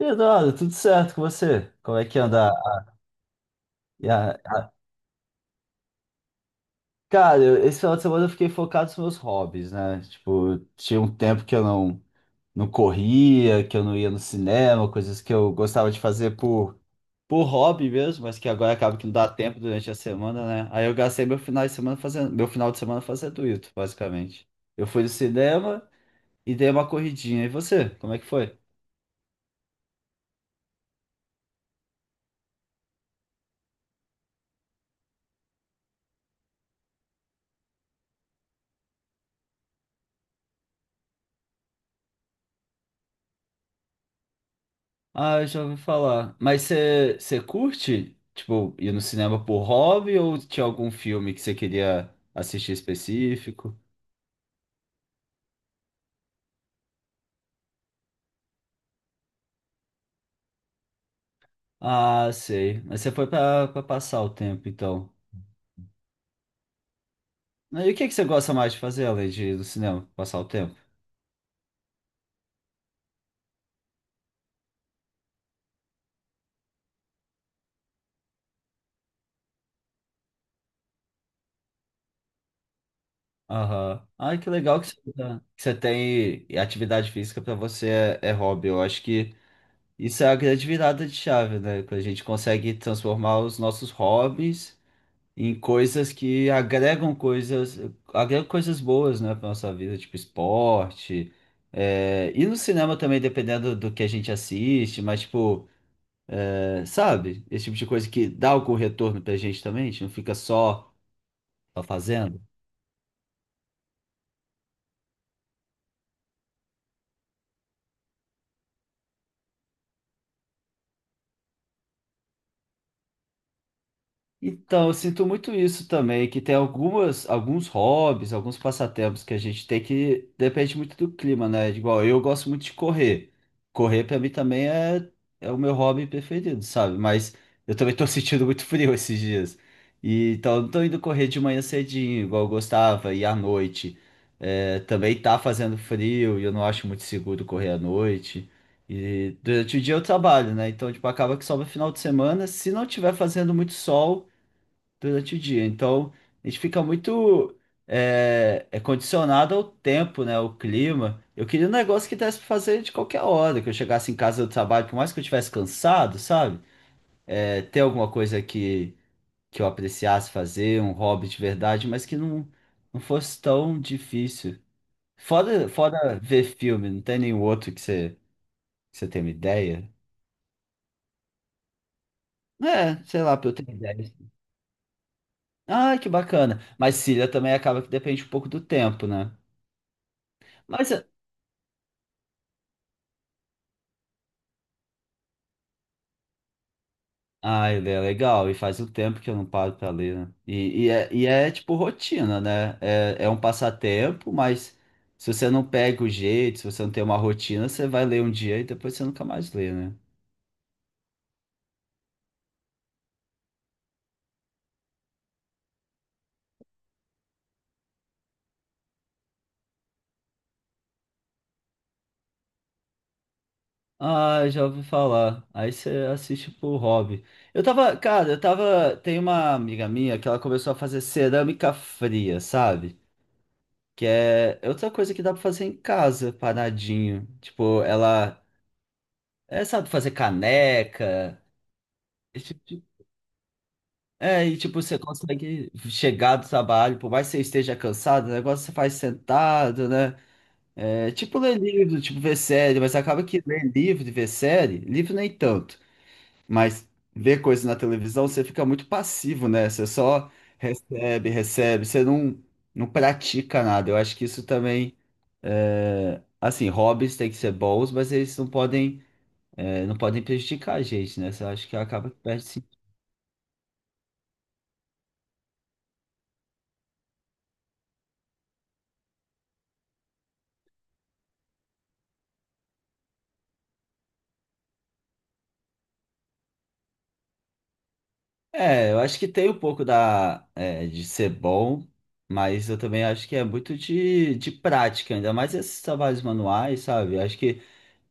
Eduardo, tudo certo com você? Como é que anda? E a- Cara, esse final de semana eu fiquei focado nos meus hobbies, né? Tipo, tinha um tempo que eu não, não corria, que eu não ia no cinema, coisas que eu gostava de fazer por hobby mesmo, mas que agora acaba que não dá tempo durante a semana, né? Aí eu gastei meu final de semana fazendo isso, basicamente. Eu fui no cinema e dei uma corridinha. E você, como é que foi? Ah, eu já ouvi falar. Mas você curte, tipo, ir no cinema por hobby ou tinha algum filme que você queria assistir específico? Ah, sei. Mas você foi pra passar o tempo, então. E o que que você gosta mais de fazer além de ir no cinema, passar o tempo? Aham. Ai, que legal que que você tem e atividade física pra você é, é hobby. Eu acho que isso é a grande virada de chave, né? Que a gente consegue transformar os nossos hobbies em coisas que agregam agregam coisas boas, né, para nossa vida, tipo esporte. É, e no cinema também, dependendo do que a gente assiste, mas tipo, é, sabe? Esse tipo de coisa que dá algum retorno pra gente também, a gente não fica só, só fazendo. Então, eu sinto muito isso também, que tem alguns hobbies, alguns passatempos que a gente tem que depende muito do clima, né? Igual eu gosto muito de correr. Correr para mim também é, é o meu hobby preferido, sabe? Mas eu também tô sentindo muito frio esses dias. E, então, eu não tô indo correr de manhã cedinho, igual eu gostava, e à noite. É, também tá fazendo frio e eu não acho muito seguro correr à noite. E durante o dia eu trabalho, né? Então, tipo, acaba que sobra final de semana. Se não tiver fazendo muito sol, durante o dia. Então, a gente fica muito é, é condicionado ao tempo, né? Ao clima. Eu queria um negócio que desse pra fazer de qualquer hora, que eu chegasse em casa do trabalho, por mais que eu estivesse cansado, sabe? É, ter alguma que eu apreciasse fazer, um hobby de verdade, mas que não fosse tão difícil. Fora ver filme, não tem nenhum outro que você tenha uma ideia? É, sei lá, pra eu ter ideia. Ah, que bacana. Mas Cília também acaba que depende um pouco do tempo, né? Mas ah, ele é legal, e faz o tempo que eu não paro pra ler, né? Tipo rotina, né? É, é um passatempo, mas se você não pega o jeito, se você não tem uma rotina, você vai ler um dia e depois você nunca mais lê, né? Ah, já ouvi falar. Aí você assiste por hobby. Eu tava, cara, eu tava. Tem uma amiga minha que ela começou a fazer cerâmica fria, sabe? Que é outra coisa que dá pra fazer em casa, paradinho. Tipo, ela, é, sabe, fazer caneca. É, e tipo, você consegue chegar do trabalho, por mais que você esteja cansado, o negócio você faz sentado, né? É, tipo ler livro, tipo ver série, mas acaba que ler livro e ver série, livro nem tanto, mas ver coisa na televisão você fica muito passivo, né? Você só recebe, você não, não pratica nada. Eu acho que isso também, é, assim, hobbies têm que ser bons, mas eles é, não podem prejudicar a gente, né? Eu acho que acaba que perde. É, eu acho que tem um pouco é, de ser bom, mas eu também acho que é muito de prática, ainda mais esses trabalhos manuais, sabe? Eu acho que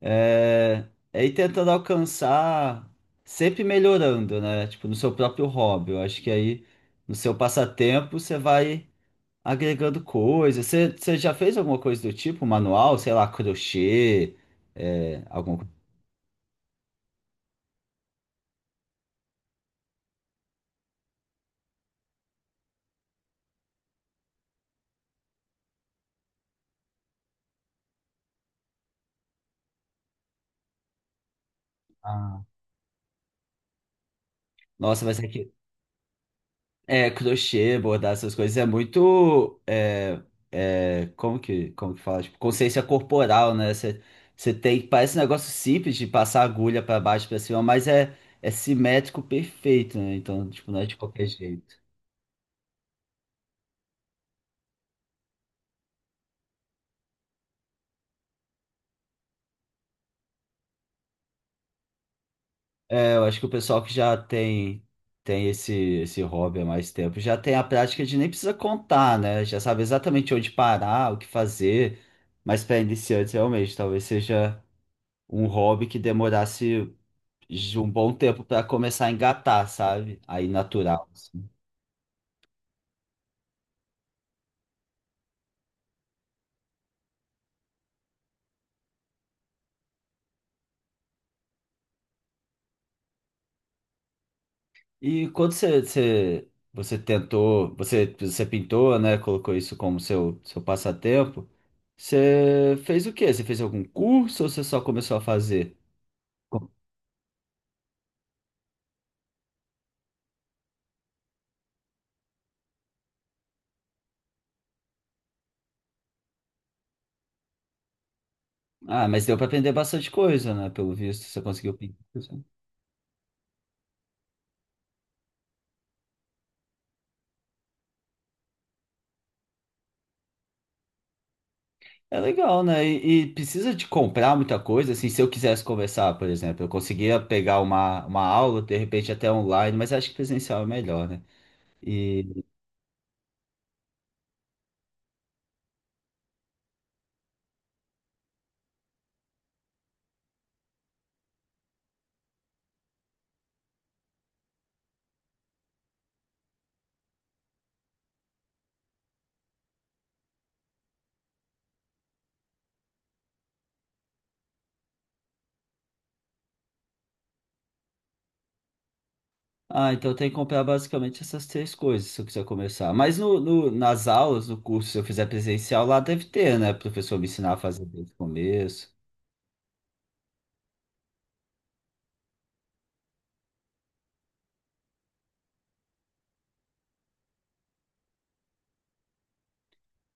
é, é ir tentando alcançar, sempre melhorando, né? Tipo, no seu próprio hobby. Eu acho que aí, no seu passatempo, você vai agregando coisas. Você já fez alguma coisa do tipo, manual? Sei lá, crochê, é, alguma coisa. Ah, nossa, mas é que é, crochê, bordar essas coisas é muito. É, é, como que fala? Tipo, consciência corporal, né? Você tem. Parece um negócio simples de passar agulha pra baixo, pra cima, mas é, é simétrico perfeito, né? Então, tipo, não é de qualquer jeito. É, eu acho que o pessoal que já tem esse hobby há mais tempo já tem a prática de nem precisa contar, né? Já sabe exatamente onde parar, o que fazer. Mas para iniciantes, realmente, talvez seja um hobby que demorasse de um bom tempo para começar a engatar, sabe? Aí natural, assim. E quando você pintou, né? Colocou isso como seu passatempo. Você fez o quê? Você fez algum curso ou você só começou a fazer? Com- ah, mas deu para aprender bastante coisa, né? Pelo visto, você conseguiu pintar. É legal, né? E precisa de comprar muita coisa. Assim, se eu quisesse conversar, por exemplo, eu conseguia pegar uma aula, de repente até online, mas acho que presencial é melhor, né? Ah, então tem que comprar basicamente essas três coisas se eu quiser começar. Mas nas aulas, no curso, se eu fizer presencial, lá deve ter, né? O professor me ensinar a fazer desde o começo.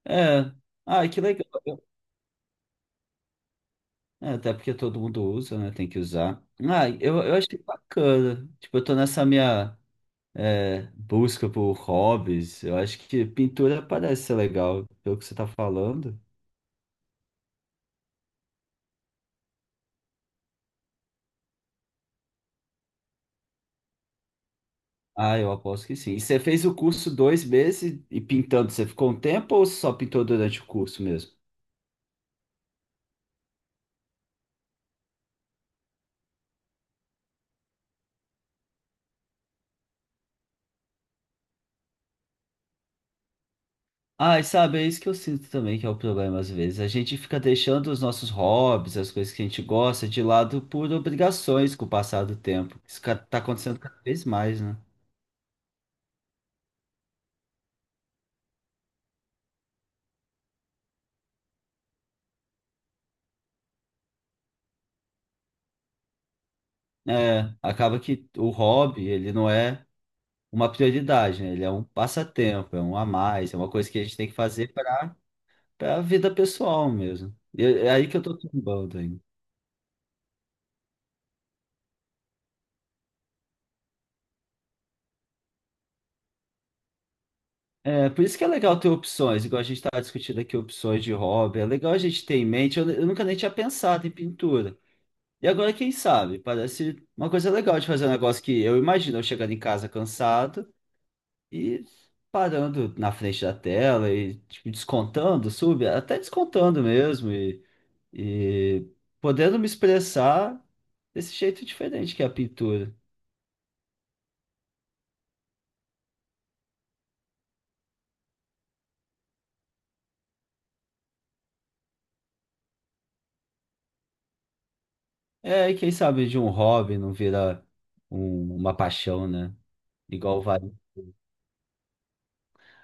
É. Ah, que legal. É, até porque todo mundo usa, né? Tem que usar. Ah, eu achei bacana. Tipo, eu tô nessa minha é, busca por hobbies. Eu acho que pintura parece ser legal, pelo que você tá falando. Ah, eu aposto que sim. E você fez o curso 2 meses e pintando, você ficou um tempo ou só pintou durante o curso mesmo? Ah, e sabe, é isso que eu sinto também que é o problema às vezes. A gente fica deixando os nossos hobbies, as coisas que a gente gosta, de lado por obrigações com o passar do tempo. Isso ca- tá acontecendo cada vez mais, né? É, acaba que o hobby, ele não é uma prioridade, né? Ele é um passatempo, é um a mais, é uma coisa que a gente tem que fazer para a vida pessoal mesmo. E é aí que eu tô tombando ainda. É, por isso que é legal ter opções, igual a gente estava discutindo aqui opções de hobby. É legal a gente ter em mente. Eu nunca nem tinha pensado em pintura. E agora, quem sabe? Parece uma coisa legal de fazer, um negócio que eu imagino eu chegando em casa cansado e parando na frente da tela e tipo, descontando, sub, até descontando mesmo e podendo me expressar desse jeito diferente que é a pintura. É, e quem sabe de um hobby não vira uma paixão, né? Igual vai.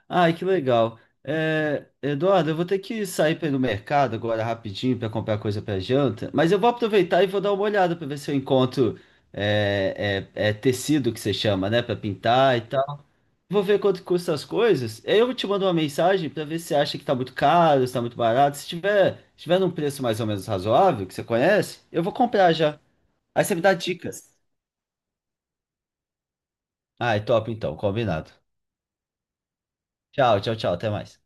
Ai, que legal. É, Eduardo, eu vou ter que sair para ir no mercado agora rapidinho para comprar coisa para janta, mas eu vou aproveitar e vou dar uma olhada para ver se eu encontro é, tecido que você chama, né, para pintar e tal. Vou ver quanto custa as coisas. Aí eu te mando uma mensagem para ver se você acha que está muito caro, se está muito barato. Se tiver num preço mais ou menos razoável, que você conhece, eu vou comprar já. Aí você me dá dicas. Ai, top então, combinado. Tchau, tchau, tchau. Até mais.